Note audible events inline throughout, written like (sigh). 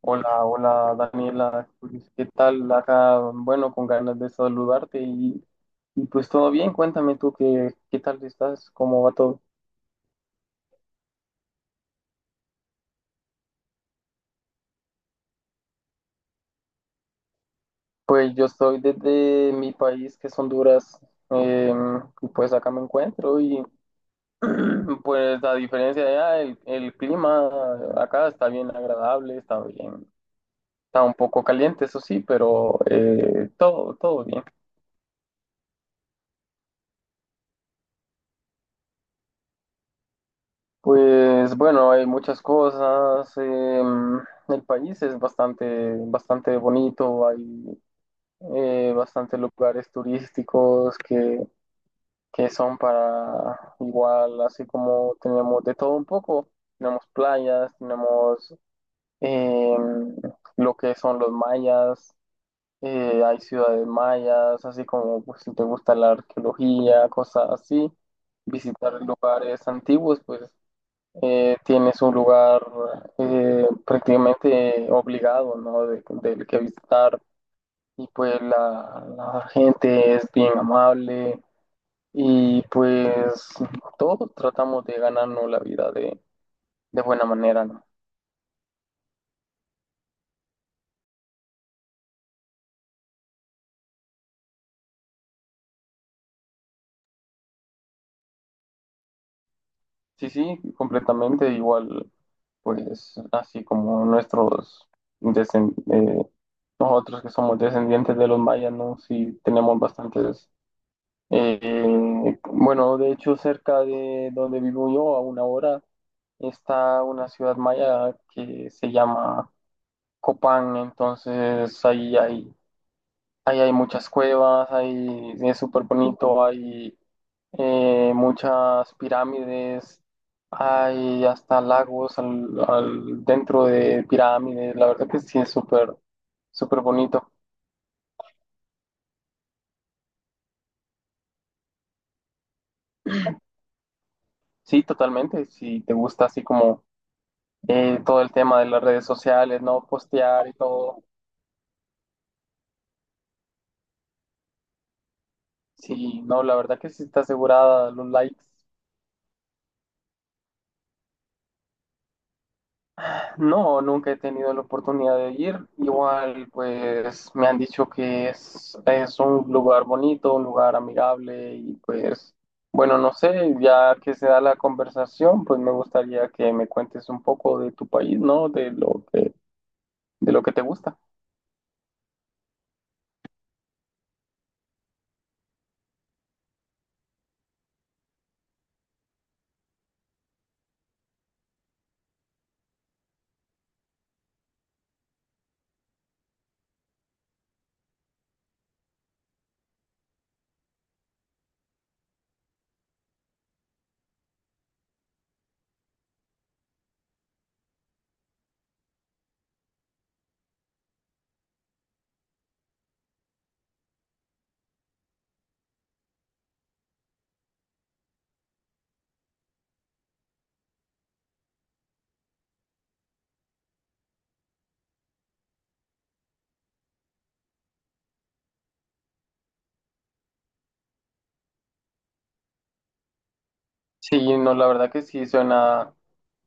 Hola, hola Daniela, pues, ¿qué tal? Acá, bueno, con ganas de saludarte y pues todo bien, cuéntame tú qué tal estás, cómo va todo. Pues yo estoy desde mi país, que es Honduras, eh, y pues acá me encuentro y (clears throat) pues a diferencia de allá, el clima acá está bien agradable, está bien, está un poco caliente, eso sí, pero todo bien. Pues bueno, hay muchas cosas. El país es bastante bonito. Hay bastantes lugares turísticos que son para igual, así como tenemos de todo un poco. Tenemos playas, tenemos em, lo que son los mayas. Hay ciudades mayas, así como pues, si te gusta la arqueología, cosas así. Visitar lugares antiguos, pues tienes un lugar prácticamente obligado, ¿no? Del que visitar y pues la gente es bien amable y pues todos tratamos de ganarnos la vida de buena manera, ¿no? Sí, sí, completamente igual, pues así como nuestros descen- eh, nosotros que somos descendientes de los mayas, ¿no? Sí, tenemos bastantes. Bueno, de hecho, cerca de donde vivo yo, a una hora, está una ciudad maya que se llama Copán. Entonces, ahí hay muchas cuevas, ahí es súper bonito, hay muchas pirámides, hay hasta lagos dentro de pirámides. La verdad que sí es súper bonito. Sí, totalmente. Si te gusta así como todo el tema de las redes sociales, no postear y todo. Sí, no, la verdad que sí está asegurada los likes. No, nunca he tenido la oportunidad de ir. Igual, pues me han dicho que es un lugar bonito, un lugar amigable y pues, bueno, no sé, ya que se da la conversación, pues me gustaría que me cuentes un poco de tu país, ¿no? De lo que te gusta. Sí, no, la verdad que sí suena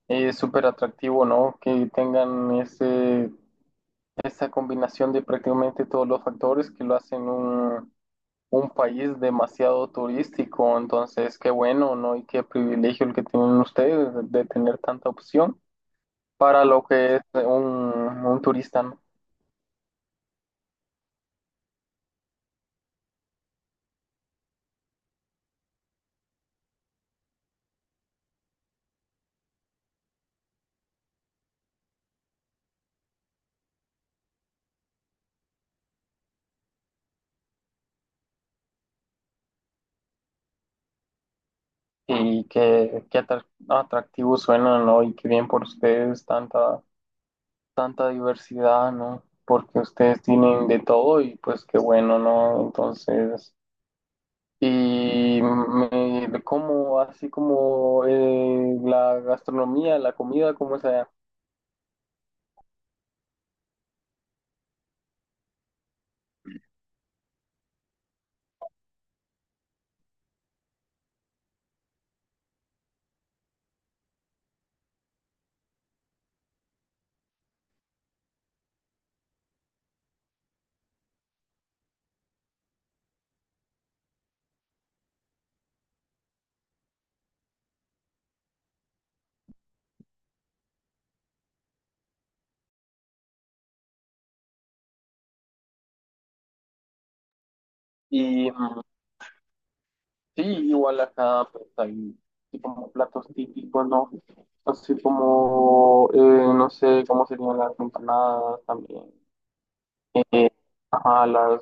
súper atractivo, ¿no? Que tengan ese esa combinación de prácticamente todos los factores que lo hacen un país demasiado turístico. Entonces, qué bueno, ¿no? Y qué privilegio el que tienen ustedes de tener tanta opción para lo que es un turista, ¿no? Y qué, atractivo suena, ¿no? Y qué bien por ustedes tanta diversidad, ¿no? Porque ustedes tienen de todo y pues qué bueno, ¿no? Entonces... Y me como así como la gastronomía, la comida, como sea. Y mm, sí, igual acá pues, hay así como platos típicos, ¿no? Así como, no sé, cómo serían las empanadas también. Eh, ajá, las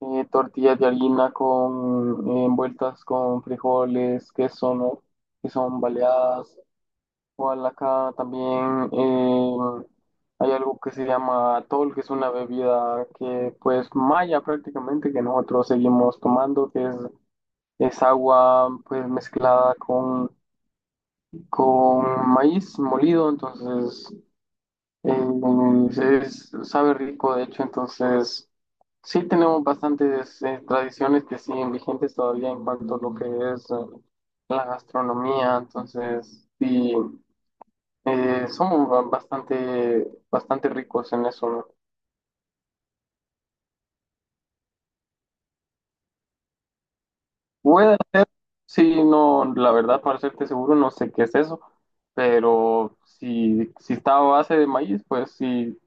eh, tortillas de harina con envueltas con frijoles, queso, ¿no? Que son baleadas. Igual acá también hay algo que se llama atol, que es una bebida que pues maya prácticamente que nosotros seguimos tomando, es agua pues mezclada con maíz molido, entonces eh, sabe rico de hecho, entonces sí tenemos bastantes tradiciones que siguen vigentes todavía en cuanto a lo que es la gastronomía, entonces sí. Somos bastante ricos en eso, ¿no? Puede ser, sí, no, la verdad, para serte seguro, no sé qué es eso, pero si está a base de maíz, pues sí,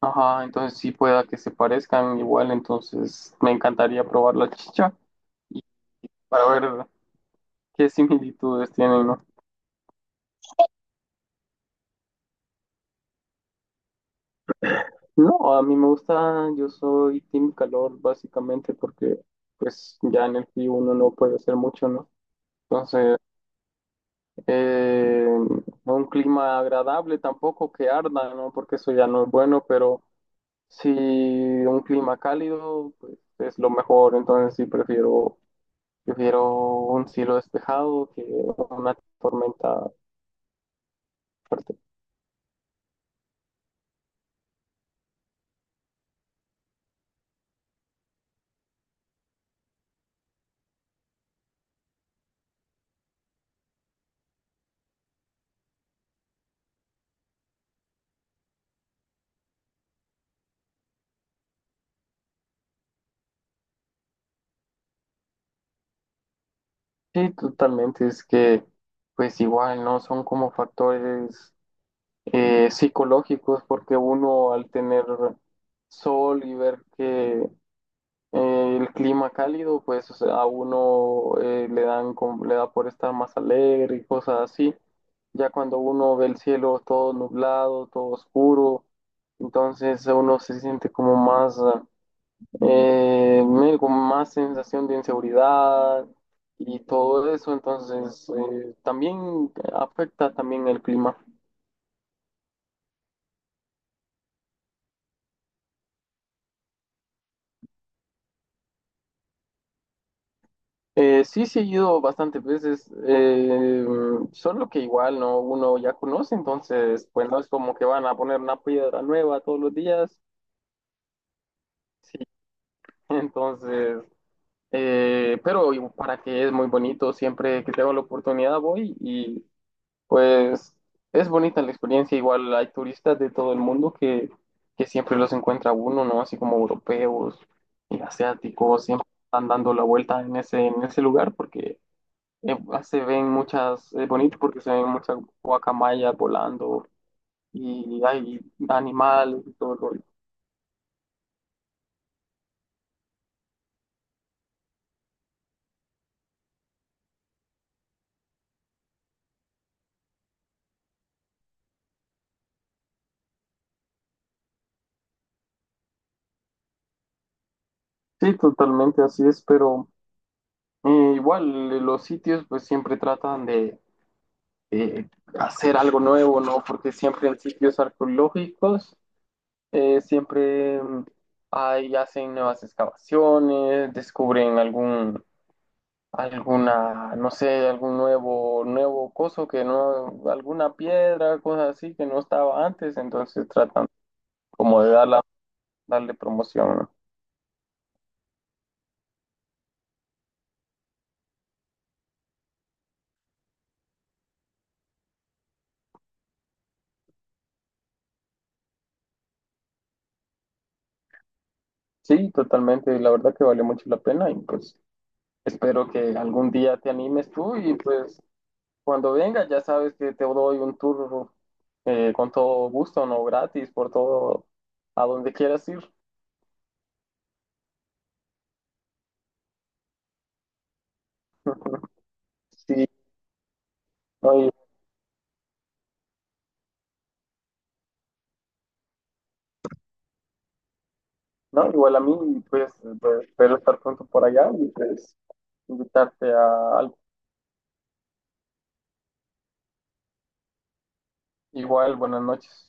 ajá, entonces sí pueda que se parezcan igual, entonces me encantaría probar la chicha y para ver qué similitudes tienen, ¿no? No, a mí me gusta, yo soy team calor básicamente porque pues ya en el frío uno no puede hacer mucho, ¿no? Entonces... Eh, no, un clima agradable tampoco que arda, ¿no? Porque eso ya no es bueno, pero si un clima cálido, pues es lo mejor. Entonces sí prefiero un cielo despejado que una tormenta fuerte. Sí, totalmente. Es que, pues igual, ¿no? Son como factores psicológicos, porque uno al tener sol y ver que el clima cálido, pues o sea, a uno le da por estar más alegre y cosas así. Ya cuando uno ve el cielo todo nublado, todo oscuro, entonces uno se siente como más, con más sensación de inseguridad y todo eso, entonces también afecta también el clima. Sí, sí he ido bastantes veces, solo que igual no uno ya conoce, entonces pues no es como que van a poner una piedra nueva todos los días, sí, (laughs) entonces, pero para que es muy bonito, siempre que tengo la oportunidad voy y pues es bonita la experiencia, igual hay turistas de todo el mundo que siempre los encuentra uno, ¿no? Así como europeos y asiáticos, siempre están dando la vuelta en ese lugar porque... Eh, Se ven bonitos porque se ven muchas guacamayas volando y hay animales y todo el rollo. Sí, totalmente así es, pero igual los sitios pues siempre tratan de, eh, hacer algo nuevo, ¿no? Porque siempre en sitios arqueológicos siempre hacen nuevas excavaciones, descubren algún alguna, no sé, algún nuevo coso que no, alguna piedra, cosas así que no estaba antes, entonces tratan como darle promoción, ¿no? Sí, totalmente, la verdad que valió mucho la pena y pues espero que algún día te animes tú y pues cuando vengas ya sabes que te doy un tour con todo gusto, no gratis, por todo, a donde quieras ir. (laughs) Sí, no, no, igual a mí, pues, pues, espero estar pronto por allá y pues invitarte a algo. Igual, buenas noches.